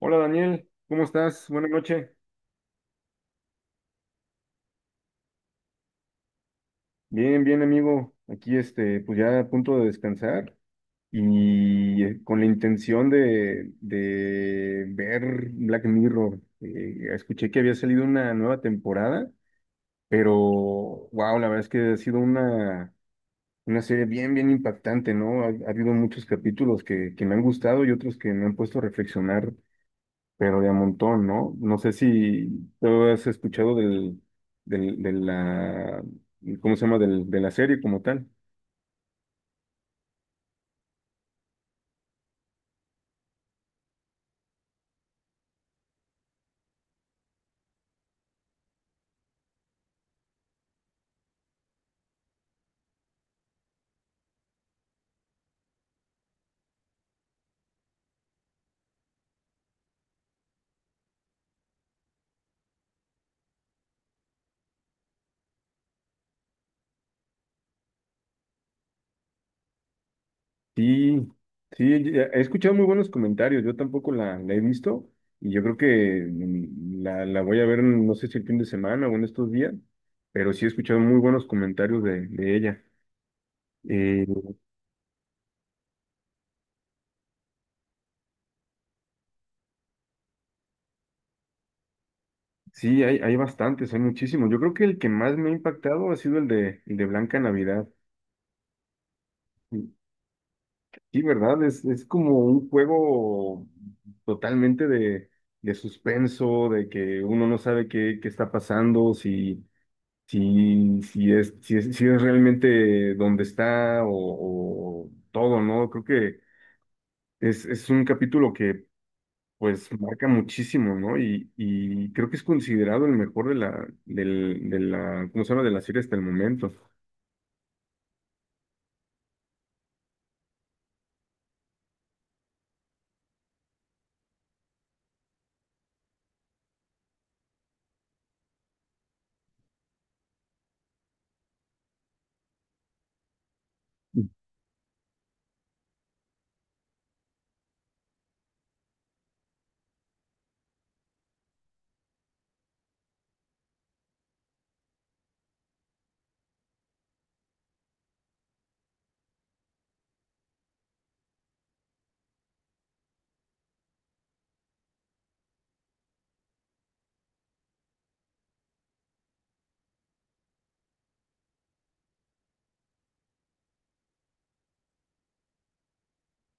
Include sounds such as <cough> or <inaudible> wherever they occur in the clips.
Hola Daniel, ¿cómo estás? Buenas noches. Bien, bien amigo. Aquí pues ya a punto de descansar y con la intención de ver Black Mirror. Escuché que había salido una nueva temporada, pero wow, la verdad es que ha sido una serie bien, bien impactante, ¿no? Ha habido muchos capítulos que me han gustado y otros que me han puesto a reflexionar. Pero de a montón, ¿no? No sé si tú has escuchado del, de la, ¿cómo se llama? De la serie como tal. Sí, sí, he escuchado muy buenos comentarios. Yo tampoco la he visto y yo creo que la voy a ver, no sé si el fin de semana o en estos días, pero sí he escuchado muy buenos comentarios de ella. Eh, sí, hay bastantes, hay muchísimos. Yo creo que el que más me ha impactado ha sido el de Blanca Navidad. Sí, ¿verdad? Es como un juego totalmente de suspenso, de que uno no sabe qué está pasando, si es realmente donde está o todo, ¿no? Creo que es un capítulo que pues marca muchísimo, ¿no? Y creo que es considerado el mejor de la, del, de la, ¿cómo se llama? De la serie hasta el momento.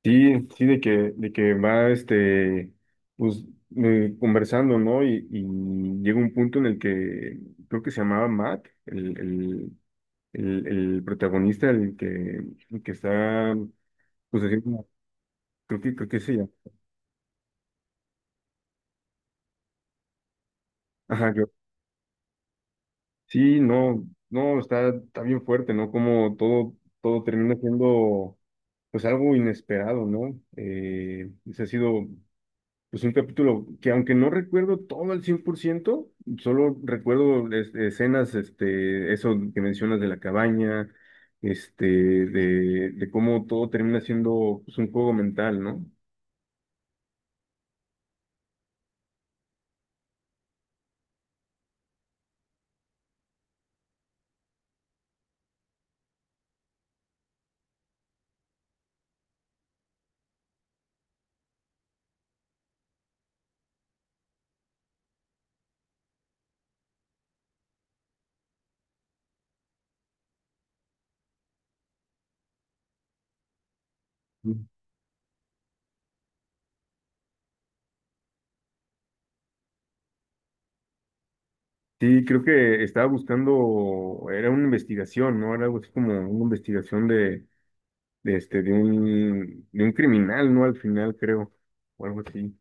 Sí, sí, de que va pues, conversando, ¿no? Y llega un punto en el que creo que se llamaba Matt, el protagonista, el que está, pues, haciendo, creo que sí, ya. Ajá, yo, sí, no, no, está, está bien fuerte, ¿no? Como todo, todo termina siendo, pues, algo inesperado, ¿no? Ese ha sido. Pues un capítulo que aunque no recuerdo todo al 100% solo recuerdo escenas, eso que mencionas de la cabaña, de cómo todo termina siendo pues, un juego mental, ¿no? Mm. Sí, creo que estaba buscando, era una investigación, ¿no? Era algo así como una investigación de un criminal, ¿no? Al final, creo, o algo así.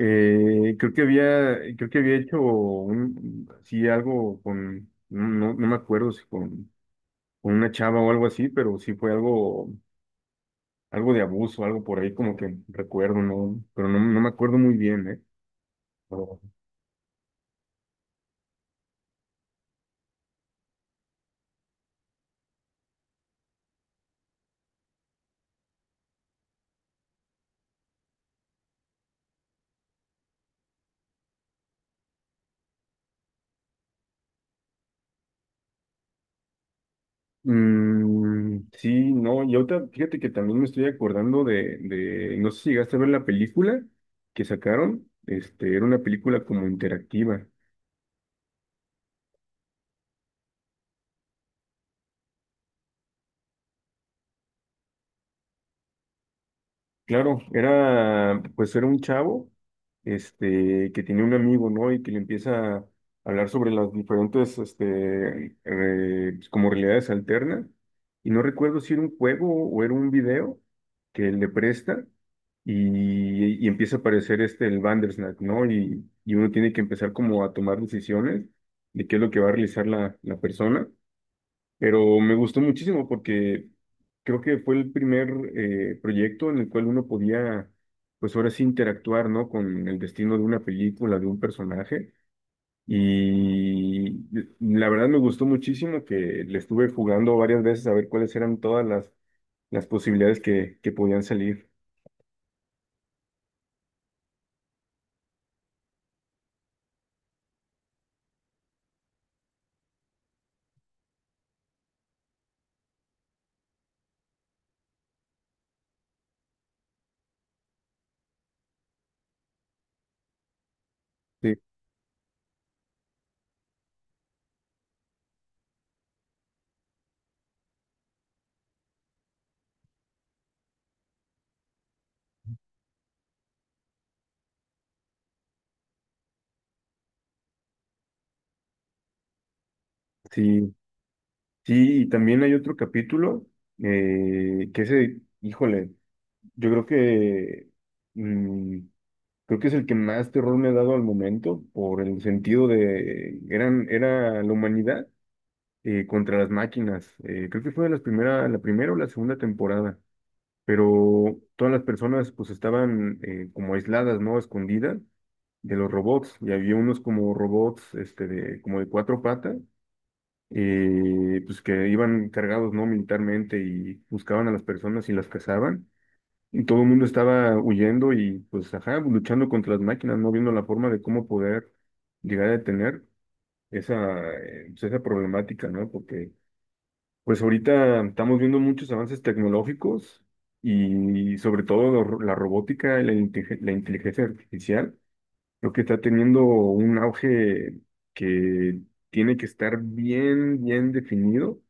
Creo que había hecho un, sí, algo con, no, no, no me acuerdo si con, con una chava o algo así, pero sí fue algo, algo de abuso, algo por ahí como que recuerdo, ¿no? Pero no, no me acuerdo muy bien, ¿eh? Pero, sí, no, y ahorita fíjate que también me estoy acordando no sé si llegaste a ver la película que sacaron, era una película como interactiva. Claro, era, pues era un chavo, que tenía un amigo, ¿no? Y que le empieza a hablar sobre las diferentes, como realidades alternas. Y no recuerdo si era un juego o era un video que le presta y empieza a aparecer el Bandersnatch, ¿no? Y uno tiene que empezar como a tomar decisiones de qué es lo que va a realizar la persona. Pero me gustó muchísimo porque creo que fue el primer proyecto en el cual uno podía, pues ahora sí, interactuar, ¿no? Con el destino de una película, de un personaje. Y la verdad me gustó muchísimo que le estuve jugando varias veces a ver cuáles eran todas las posibilidades que podían salir. Sí, sí, sí, y también hay otro capítulo híjole, yo creo que mm, creo que es el que más terror me ha dado al momento, por el sentido de, eran, era la humanidad contra las máquinas. Creo que fue de las primera, la primera o la segunda temporada, pero todas las personas pues estaban como aisladas, ¿no? Escondidas de los robots, y había unos como robots, como de cuatro patas, pues que iban cargados, ¿no? Militarmente y buscaban a las personas y las cazaban. Y todo el mundo estaba huyendo y pues ajá, pues, luchando contra las máquinas, no viendo la forma de cómo poder llegar a detener esa, pues, esa problemática, ¿no? Porque pues ahorita estamos viendo muchos avances tecnológicos y sobre todo la robótica y la inteligencia artificial, lo que está teniendo un auge que tiene que estar bien, bien definido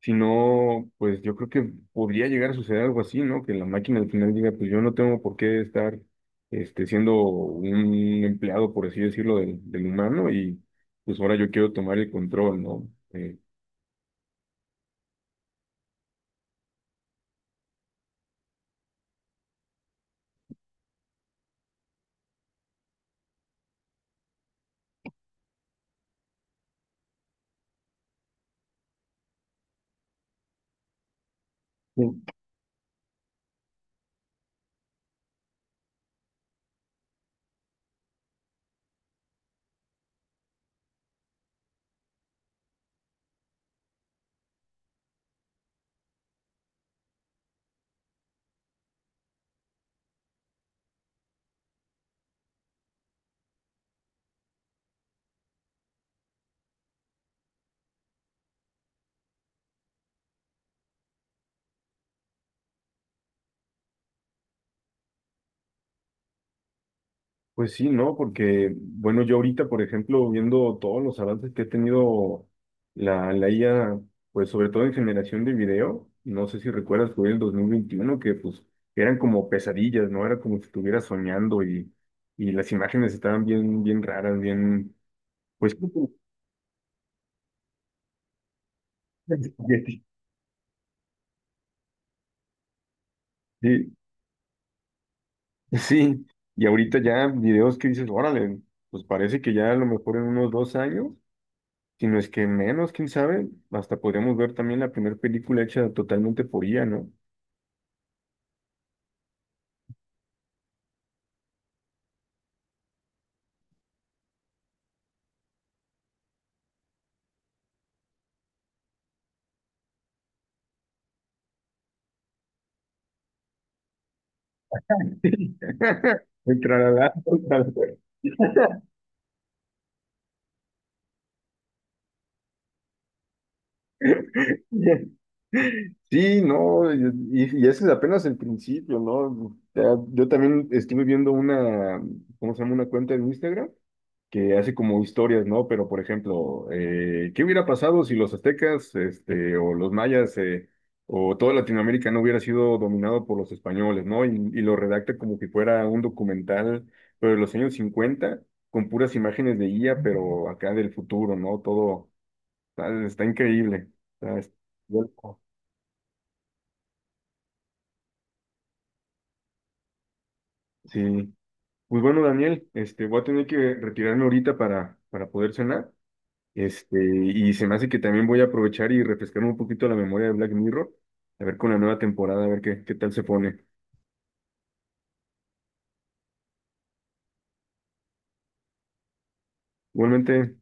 si no, pues yo creo que podría llegar a suceder algo así, ¿no? Que la máquina al final diga, pues yo no tengo por qué estar siendo un empleado, por así decirlo, del humano y pues ahora yo quiero tomar el control, ¿no? Pues sí, ¿no? Porque, bueno, yo ahorita, por ejemplo, viendo todos los avances que ha tenido la IA, pues sobre todo en generación de video, no sé si recuerdas, fue el 2021 que pues eran como pesadillas, ¿no? Era como si estuviera soñando y las imágenes estaban bien, bien raras, bien, pues... <laughs> Sí, sí, y ahorita ya videos que dices, órale, pues parece que ya a lo mejor en unos 2 años, si no es que menos, quién sabe, hasta podríamos ver también la primera película hecha totalmente por IA, ¿no? <laughs> El tralalá, el tralalá. <laughs> Sí, no, y ese es apenas el principio, ¿no? O sea, yo también estuve viendo una, ¿cómo se llama? Una cuenta en Instagram que hace como historias, ¿no? Pero, por ejemplo, ¿qué hubiera pasado si los aztecas, o los mayas, o toda Latinoamérica no hubiera sido dominado por los españoles, ¿no? Y lo redacta como que fuera un documental, pero de los años 50 con puras imágenes de IA, pero acá del futuro, ¿no? Todo está, está increíble. Está- es- sí. Pues bueno, Daniel, voy a tener que retirarme ahorita para poder cenar. Y se me hace que también voy a aprovechar y refrescarme un poquito la memoria de Black Mirror, a ver con la nueva temporada, a ver qué, qué tal se pone. Igualmente,